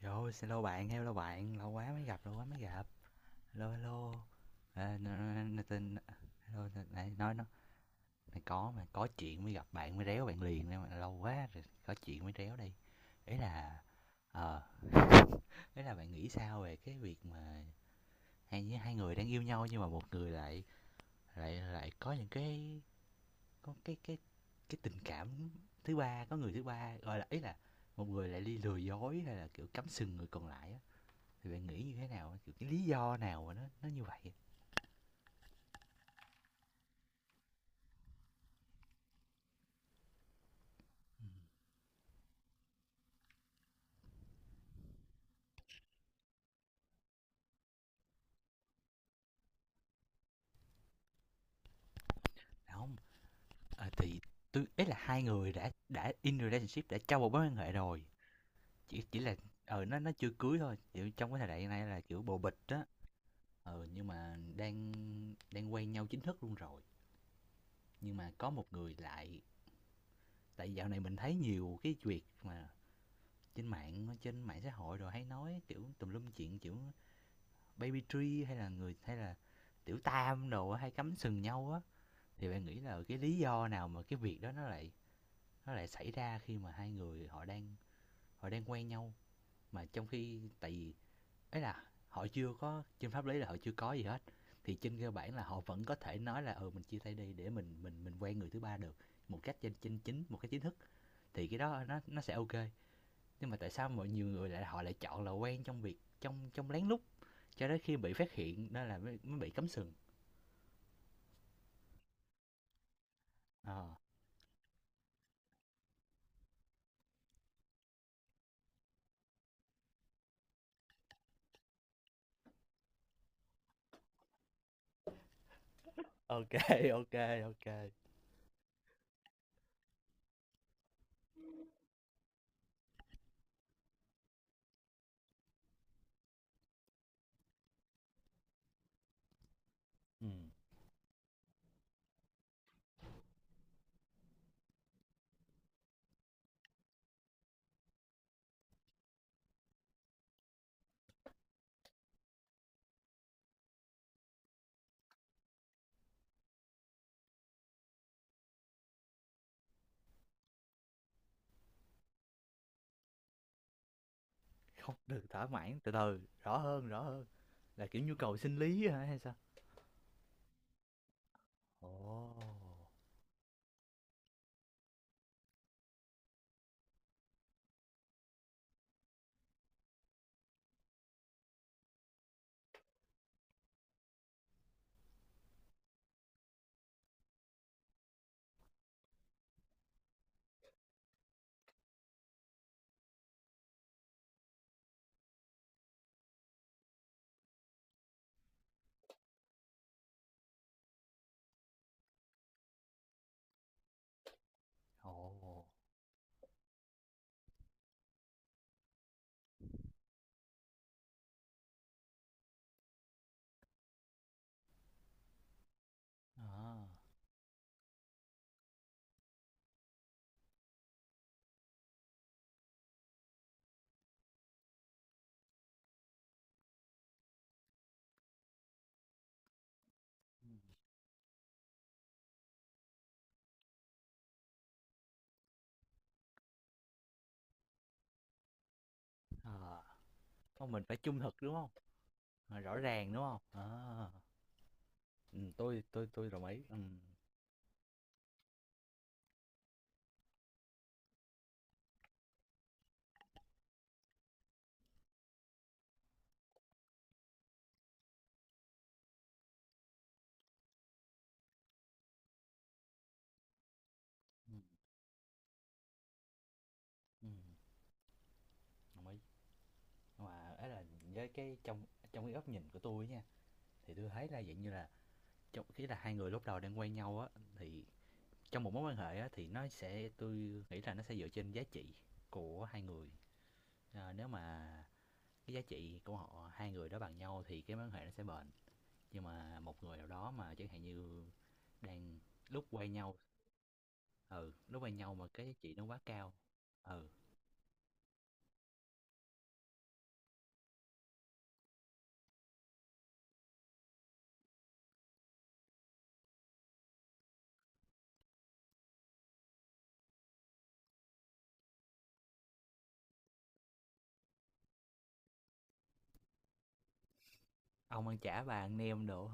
Rồi, xin lỗi bạn, hello bạn, lâu quá mới gặp, lâu quá mới gặp. Hello, hello. À, tên hello, này, nói nó này có mà có chuyện mới gặp bạn mới réo bạn liền nên mà lâu quá rồi có chuyện mới réo đi. Ý là ờ ý là bạn nghĩ sao về cái việc mà hai hai người đang yêu nhau nhưng mà một người lại lại lại có những cái có cái cái tình cảm thứ ba, có người thứ ba gọi là ý là một người lại đi lừa dối hay là kiểu cắm sừng người còn lại á, thì bạn nghĩ như thế nào, kiểu cái lý do nào mà nó như vậy. Dạ không, à, thì tôi ấy là hai người đã in relationship, đã trong một mối quan hệ rồi, chỉ là ừ, nó chưa cưới thôi, kiểu trong cái thời đại này là kiểu bồ bịch đó. Nhưng mà đang đang quen nhau chính thức luôn rồi, nhưng mà có một người lại, tại dạo này mình thấy nhiều cái việc mà trên mạng xã hội rồi hay nói kiểu tùm lum chuyện, kiểu baby tree hay là người hay là tiểu tam đồ hay cắm sừng nhau á, thì bạn nghĩ là cái lý do nào mà cái việc đó nó lại xảy ra khi mà hai người họ đang quen nhau, mà trong khi tại vì ấy là họ chưa có trên pháp lý, là họ chưa có gì hết, thì trên cơ bản là họ vẫn có thể nói là ừ mình chia tay đi để mình mình quen người thứ ba được một cách trên chính chính một cái chính thức, thì cái đó nó sẽ ok, nhưng mà tại sao mọi nhiều người lại họ lại chọn là quen trong việc trong trong lén lút, cho đến khi bị phát hiện đó là mới bị cấm sừng. Ờ. Ok, ok, ok, ừ. Không, đừng thỏa mãn, từ từ, rõ hơn, rõ hơn. Là, kiểu, nhu cầu sinh lý hả hay sao? Ồ, ồ, à, ừm. ờ, Không, mình phải trung thực, đúng không? Ờ, rõ ràng, đúng không? À, ừm, tôi tôi đồng ý. Ừm, ừm, đồng ý. Mà ấy là với cái trong trong cái góc nhìn của tôi á nha, thì tôi thấy là dạng như là trong ý là hai người lúc đầu đang quen nhau á, thì trong một mối quan hệ á thì nó sẽ, tôi nghĩ là nó sẽ dựa trên giá trị của hai người. Ờ, nếu mà cái giá trị của họ hai người đó bằng nhau thì cái mối quan hệ nó sẽ bền, nhưng mà một người nào đó mà chẳng hạn như đang lúc quay nhau, ừ lúc quay nhau mà cái giá trị nó quá cao. Ừ, ông ăn chả bà ăn nem đồ.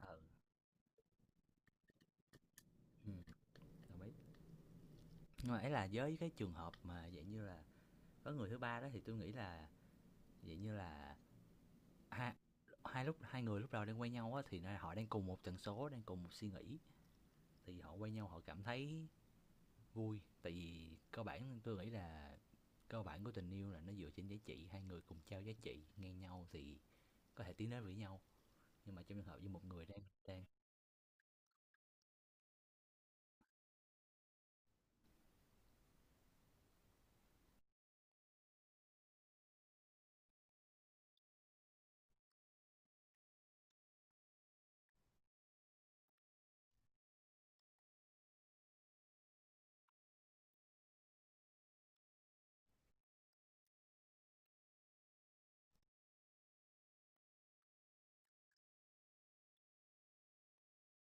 Ừ, ừ, đồng ý. Nhưng mà ấy là với cái trường hợp mà dạng như là có người thứ ba đó thì tôi nghĩ là dạng như là hai, hai lúc hai người lúc đầu đang quen nhau á thì họ đang cùng một tần số, đang cùng một suy nghĩ, thì họ quen nhau, họ cảm thấy vui, tại vì cơ bản tôi nghĩ là cơ bản của tình yêu là nó dựa trên giá trị, hai người cùng trao giá trị ngang nhau thì có thể tiến đến với nhau. Nhưng mà trong trường hợp với một người đang đang.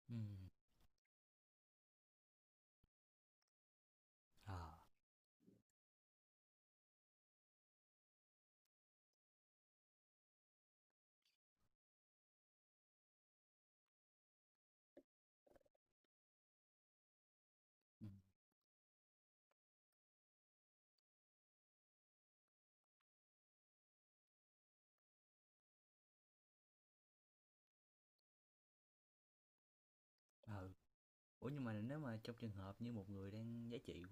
Ừm, ờ, ừ. Ờ, ủa nhưng mà nếu mà trong trường hợp như một người đang giá trị,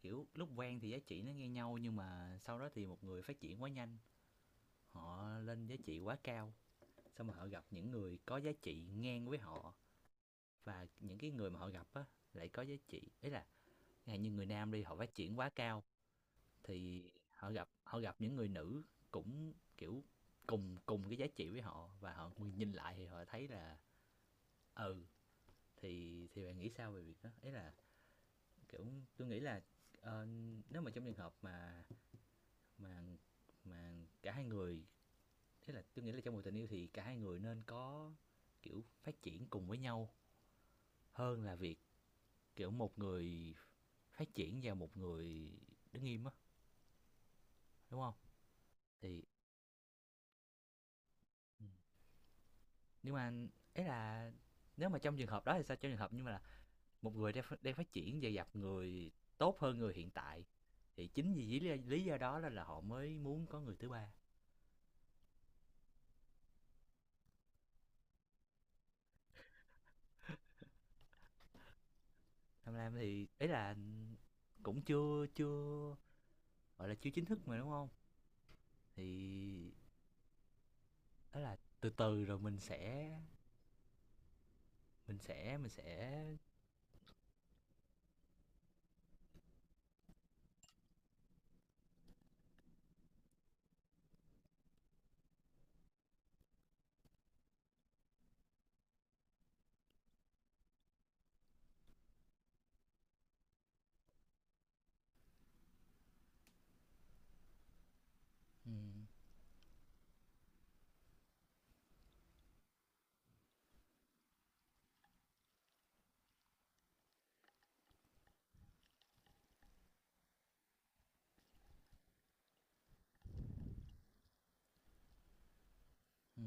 kiểu lúc quen thì giá trị nó ngang nhau, nhưng mà sau đó thì một người phát triển quá nhanh, họ lên giá trị quá cao, xong mà họ gặp những người có giá trị ngang với họ và những cái người mà họ gặp á lại có giá trị, ý là hay như người nam đi họ phát triển quá cao, thì họ gặp những người nữ cũng kiểu cùng cùng cái giá trị với họ, và họ nhìn lại thì họ thấy là ừ, thì bạn nghĩ sao về việc đó, ấy là kiểu tôi nghĩ là ờ, nếu mà trong trường hợp mà mà mà cả hai người, thế là tôi nghĩ là trong một tình yêu thì cả hai người nên có kiểu phát triển cùng với nhau hơn là việc kiểu một người phát triển và một người đứng im á, đúng không? Thì ừ, nhưng mà ấy là nếu mà trong trường hợp đó thì sao, trong trường hợp nhưng mà là một người đang phát triển và gặp người tốt hơn người hiện tại, thì chính vì lý do đó là họ mới muốn có người thứ ba. Tham lam thì ấy là cũng chưa chưa gọi là chưa chính thức mà đúng không, thì đó là từ từ rồi mình sẽ ừ, ừ,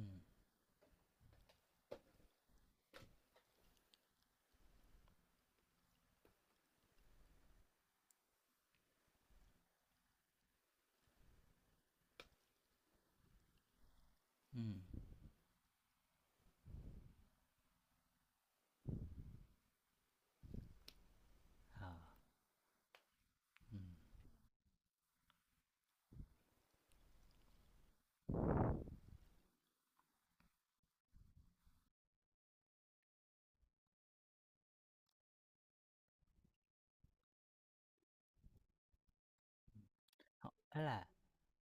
ừ, ờ, ừ. Ờ, đó là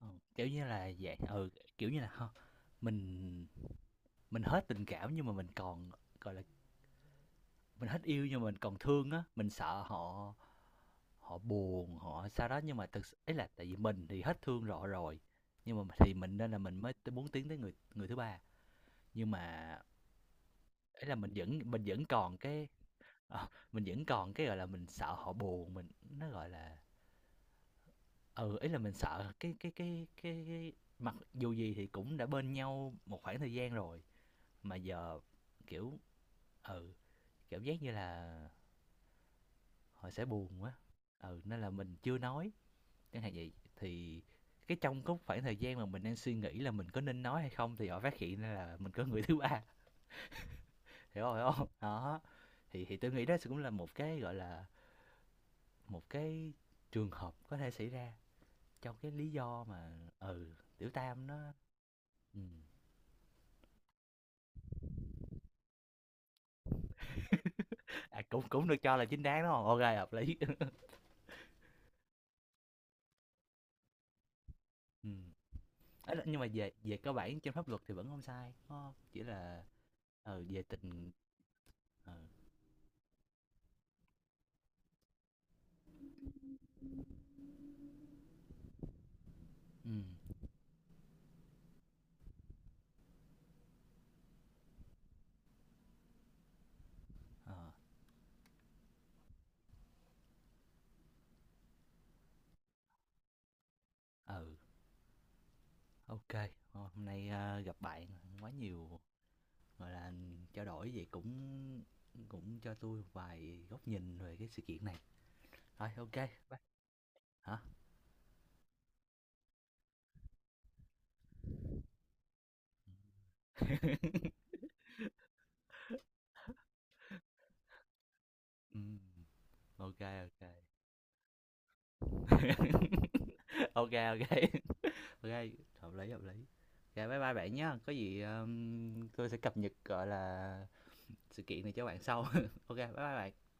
ừ, kiểu như là vậy, ừ, kiểu như là ha, mình mình hết tình cảm nhưng mà mình còn, gọi là, mình hết yêu nhưng mà mình còn thương á, mình sợ họ họ buồn, họ sao đó, nhưng mà thực s ý là tại vì mình thì hết thương họ rồi, nhưng mà thì mình nên là mình mới t muốn tiến tới người người thứ ba. Nhưng mà ấy là mình vẫn còn cái ờ, mình vẫn còn cái, gọi là, mình sợ họ buồn, mình nó, gọi là ừ, ấy là mình sợ cái cái mặc dù gì thì cũng đã bên nhau một khoảng thời gian rồi, mà giờ, kiểu ừ, cảm giác như là họ sẽ buồn quá, ừ nên là mình chưa nói, chẳng hạn vậy thì cái trong cái khoảng thời gian mà mình đang suy nghĩ là mình có nên nói hay không thì họ phát hiện ra là mình có người thứ ba, hiểu không đó, thì tôi nghĩ đó cũng là một cái gọi là một cái trường hợp có thể xảy ra trong cái lý do mà ừ tiểu tam nó ừ. À, cũng cũng được cho là chính đáng đúng không, ok hợp lý. Ừ. Ấy là nhưng mà về về cơ bản trên pháp luật thì vẫn không sai đúng không, chỉ là ừ, về tình ừ. Ừ. Ờ. Ừ, OK. Hôm hôm nay, a, gặp bạn quá nhiều, gọi là, trao đổi vậy cũng cũng cho tôi một vài góc nhìn về cái sự kiện này. Rồi, OK, bye. Hả? Ừm, OK, OK. OK, OK, OK, hợp lý, hợp lý. OK, bye bye bạn nhé. Có gì, tôi sẽ cập nhật, gọi là, sự kiện này cho bạn sau. OK, bye bye bạn.